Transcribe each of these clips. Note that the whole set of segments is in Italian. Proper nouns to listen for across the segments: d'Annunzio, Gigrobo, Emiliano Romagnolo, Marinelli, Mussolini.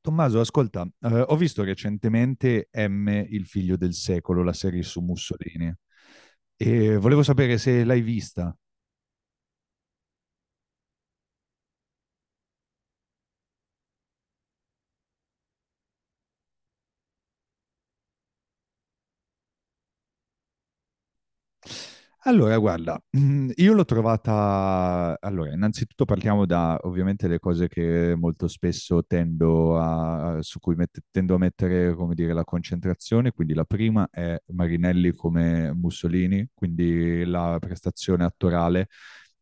Tommaso, ascolta, ho visto recentemente M, Il figlio del secolo, la serie su Mussolini, e volevo sapere se l'hai vista. Allora, guarda, io l'ho trovata. Allora, innanzitutto parliamo da, ovviamente, le cose che molto spesso tendo a, su cui tendo a mettere, come dire, la concentrazione. Quindi la prima è Marinelli come Mussolini, quindi la prestazione attorale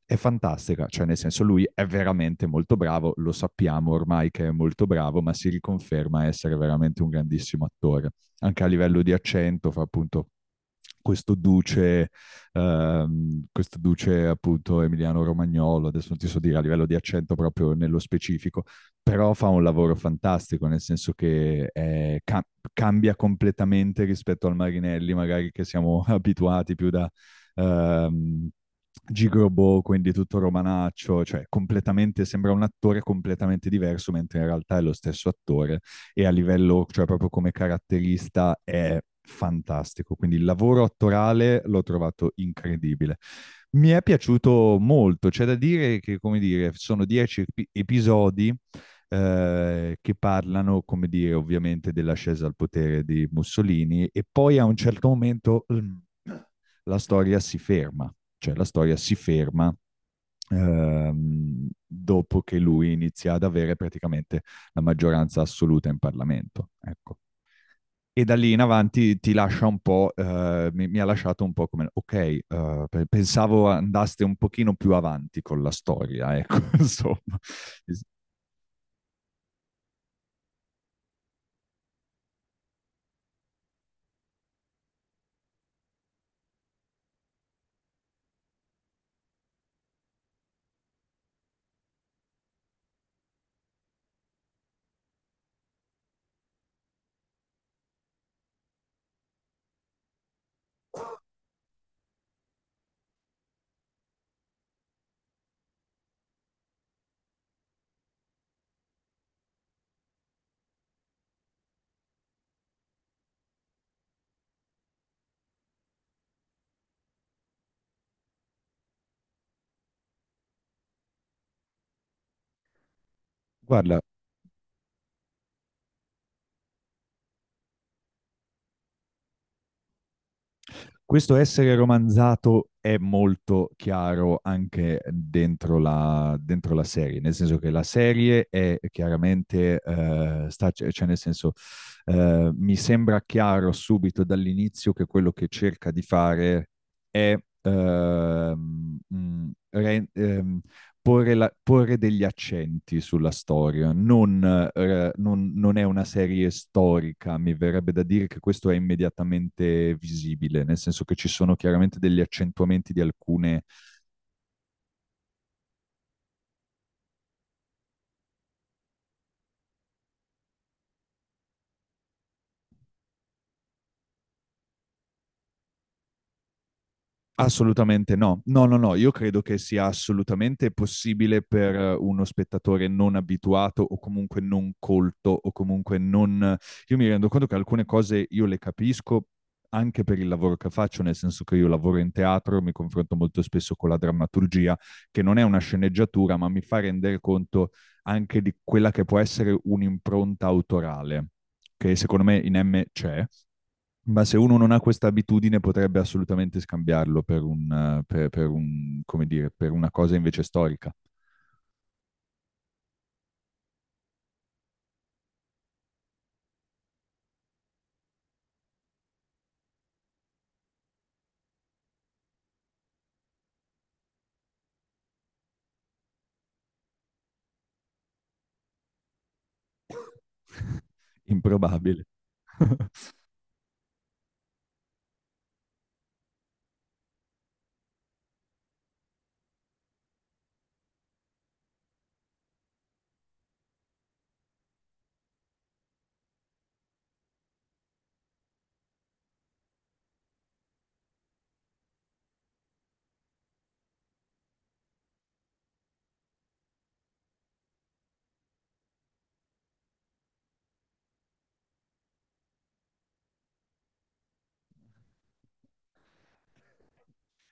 è fantastica, cioè nel senso lui è veramente molto bravo, lo sappiamo ormai che è molto bravo, ma si riconferma essere veramente un grandissimo attore, anche a livello di accento, fa appunto questo duce questo duce appunto Emiliano Romagnolo, adesso non ti so dire a livello di accento proprio nello specifico, però fa un lavoro fantastico, nel senso che cambia completamente rispetto al Marinelli, magari che siamo abituati più da... ehm, Gigrobo, quindi tutto romanaccio, cioè completamente sembra un attore completamente diverso, mentre in realtà è lo stesso attore e a livello, cioè proprio come caratterista è fantastico. Quindi il lavoro attorale l'ho trovato incredibile. Mi è piaciuto molto, c'è da dire che, come dire, sono 10 episodi che parlano, come dire, ovviamente dell'ascesa al potere di Mussolini e poi a un certo momento, la storia si ferma, cioè la storia si ferma dopo che lui inizia ad avere praticamente la maggioranza assoluta in Parlamento. Ecco. E da lì in avanti ti lascia un po', mi ha lasciato un po' come, ok, pensavo andaste un pochino più avanti con la storia, ecco, insomma. Guarda, questo essere romanzato è molto chiaro anche dentro la serie, nel senso che la serie è chiaramente, cioè, nel senso, mi sembra chiaro subito dall'inizio che quello che cerca di fare è porre degli accenti sulla storia. Non è una serie storica, mi verrebbe da dire che questo è immediatamente visibile, nel senso che ci sono chiaramente degli accentuamenti di alcune. Assolutamente no. No, no, no, io credo che sia assolutamente possibile per uno spettatore non abituato o comunque non colto o comunque non. Io mi rendo conto che alcune cose io le capisco anche per il lavoro che faccio, nel senso che io lavoro in teatro, mi confronto molto spesso con la drammaturgia, che non è una sceneggiatura, ma mi fa rendere conto anche di quella che può essere un'impronta autorale, che secondo me in M c'è, ma se uno non ha questa abitudine potrebbe assolutamente scambiarlo per un- come dire, per una cosa invece storica. Improbabile.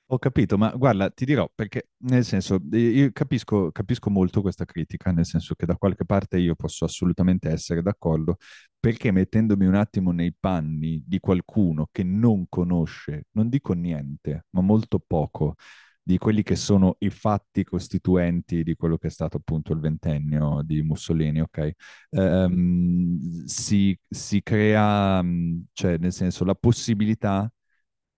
Ho capito, ma guarda, ti dirò perché, nel senso, io capisco molto questa critica, nel senso che da qualche parte io posso assolutamente essere d'accordo, perché mettendomi un attimo nei panni di qualcuno che non conosce, non dico niente, ma molto poco, di quelli che sono i fatti costituenti di quello che è stato appunto il ventennio di Mussolini, ok? Si crea, cioè, nel senso, la possibilità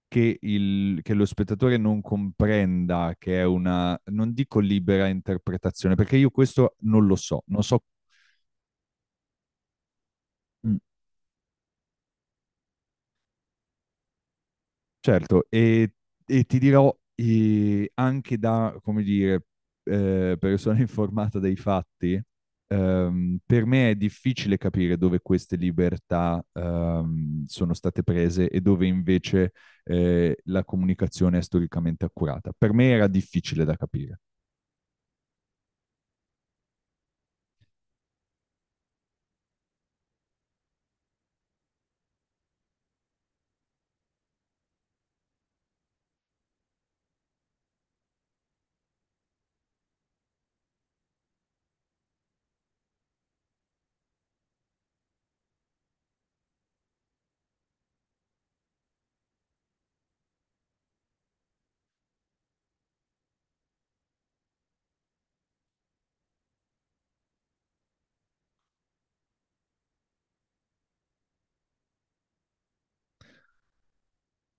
che, che lo spettatore non comprenda che è una, non dico libera interpretazione, perché io questo non lo so, non so. Mm. Certo, e ti dirò anche da, come dire, persona informata dei fatti, per me è difficile capire dove queste libertà sono state prese e dove invece la comunicazione è storicamente accurata. Per me era difficile da capire.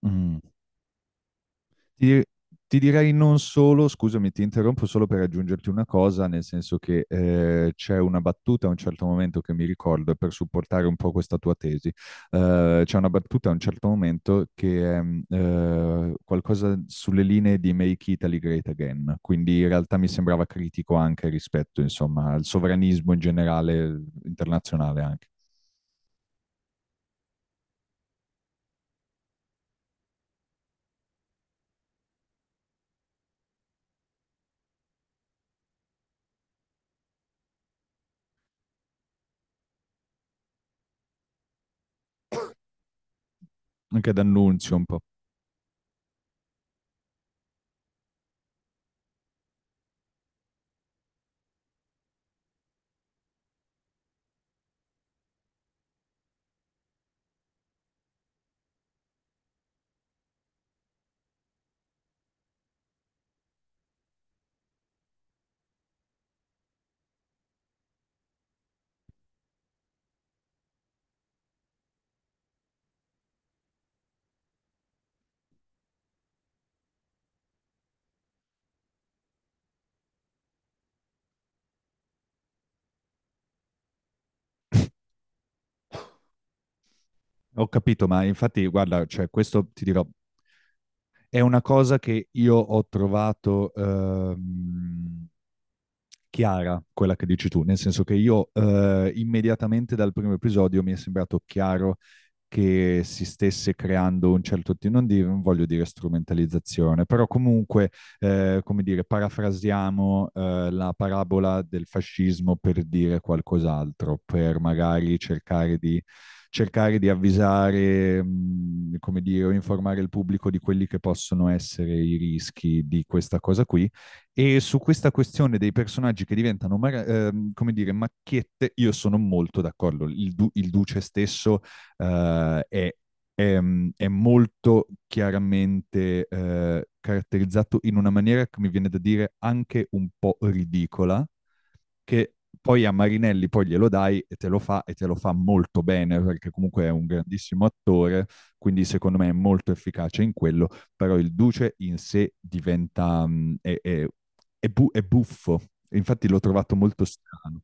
Mm. Ti, ti direi non solo, scusami, ti interrompo solo per aggiungerti una cosa, nel senso che c'è una battuta a un certo momento che mi ricordo e per supportare un po' questa tua tesi. C'è una battuta a un certo momento che è qualcosa sulle linee di Make Italy Great Again, quindi in realtà mi sembrava critico anche rispetto, insomma, al sovranismo in generale, internazionale anche, anche D'Annunzio un po'. Ho capito, ma infatti, guarda, cioè, questo ti dirò, è una cosa che io ho trovato chiara, quella che dici tu, nel senso che io immediatamente dal primo episodio mi è sembrato chiaro che si stesse creando un certo tipo, non, non voglio dire strumentalizzazione, però comunque, come dire, parafrasiamo la parabola del fascismo per dire qualcos'altro, per magari cercare di avvisare, come dire, o informare il pubblico di quelli che possono essere i rischi di questa cosa qui. E su questa questione dei personaggi che diventano, come dire, macchiette, io sono molto d'accordo. Il duce stesso eh, è, è, è molto chiaramente caratterizzato in una maniera che mi viene da dire anche un po' ridicola, che poi a Marinelli poi glielo dai e te lo fa e te lo fa molto bene perché comunque è un grandissimo attore, quindi secondo me è molto efficace in quello, però il Duce in sé diventa... è bu- è buffo, infatti l'ho trovato molto strano.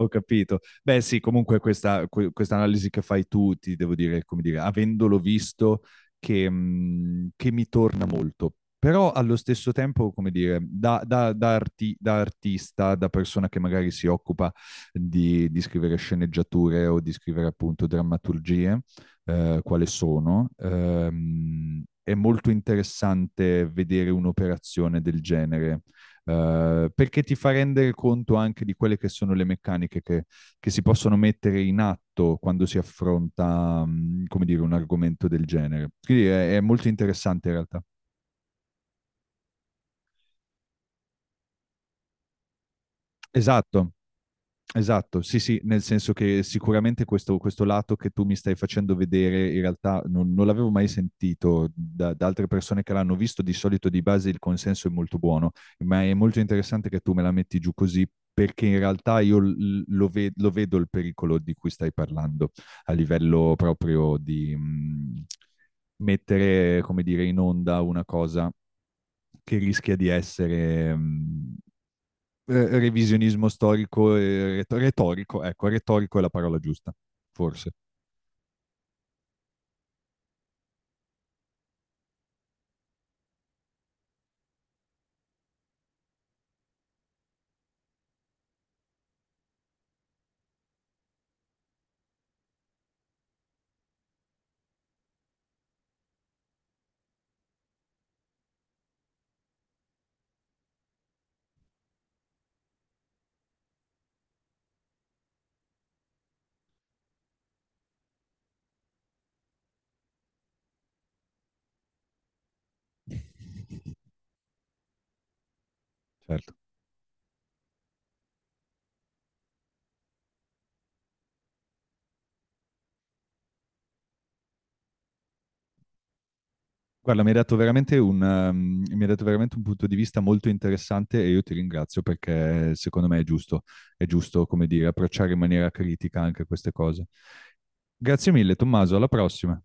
Ho capito. Beh, sì, comunque questa questa analisi che fai tu, ti devo dire, come dire, avendolo visto, che mi torna molto. Però allo stesso tempo, come dire, da artista, da persona che magari si occupa di scrivere sceneggiature o di scrivere appunto drammaturgie, quale sono, è molto interessante vedere un'operazione del genere perché ti fa rendere conto anche di quelle che sono le meccaniche che, si possono mettere in atto quando si affronta, come dire, un argomento del genere. Quindi è molto interessante in realtà. Esatto, Esatto, sì, sì, nel senso che sicuramente questo lato che tu mi stai facendo vedere in realtà non l'avevo mai sentito da altre persone che l'hanno visto, di solito di base il consenso è molto buono, ma è molto interessante che tu me la metti giù così perché in realtà io lo vedo il pericolo di cui stai parlando a livello proprio di mettere, come dire, in onda una cosa che rischia di essere revisionismo storico e retorico, ecco, retorico è la parola giusta, forse. Certo. Guarda, mi hai dato veramente un punto di vista molto interessante e io ti ringrazio perché secondo me è giusto, come dire, approcciare in maniera critica anche queste cose. Grazie mille, Tommaso, alla prossima.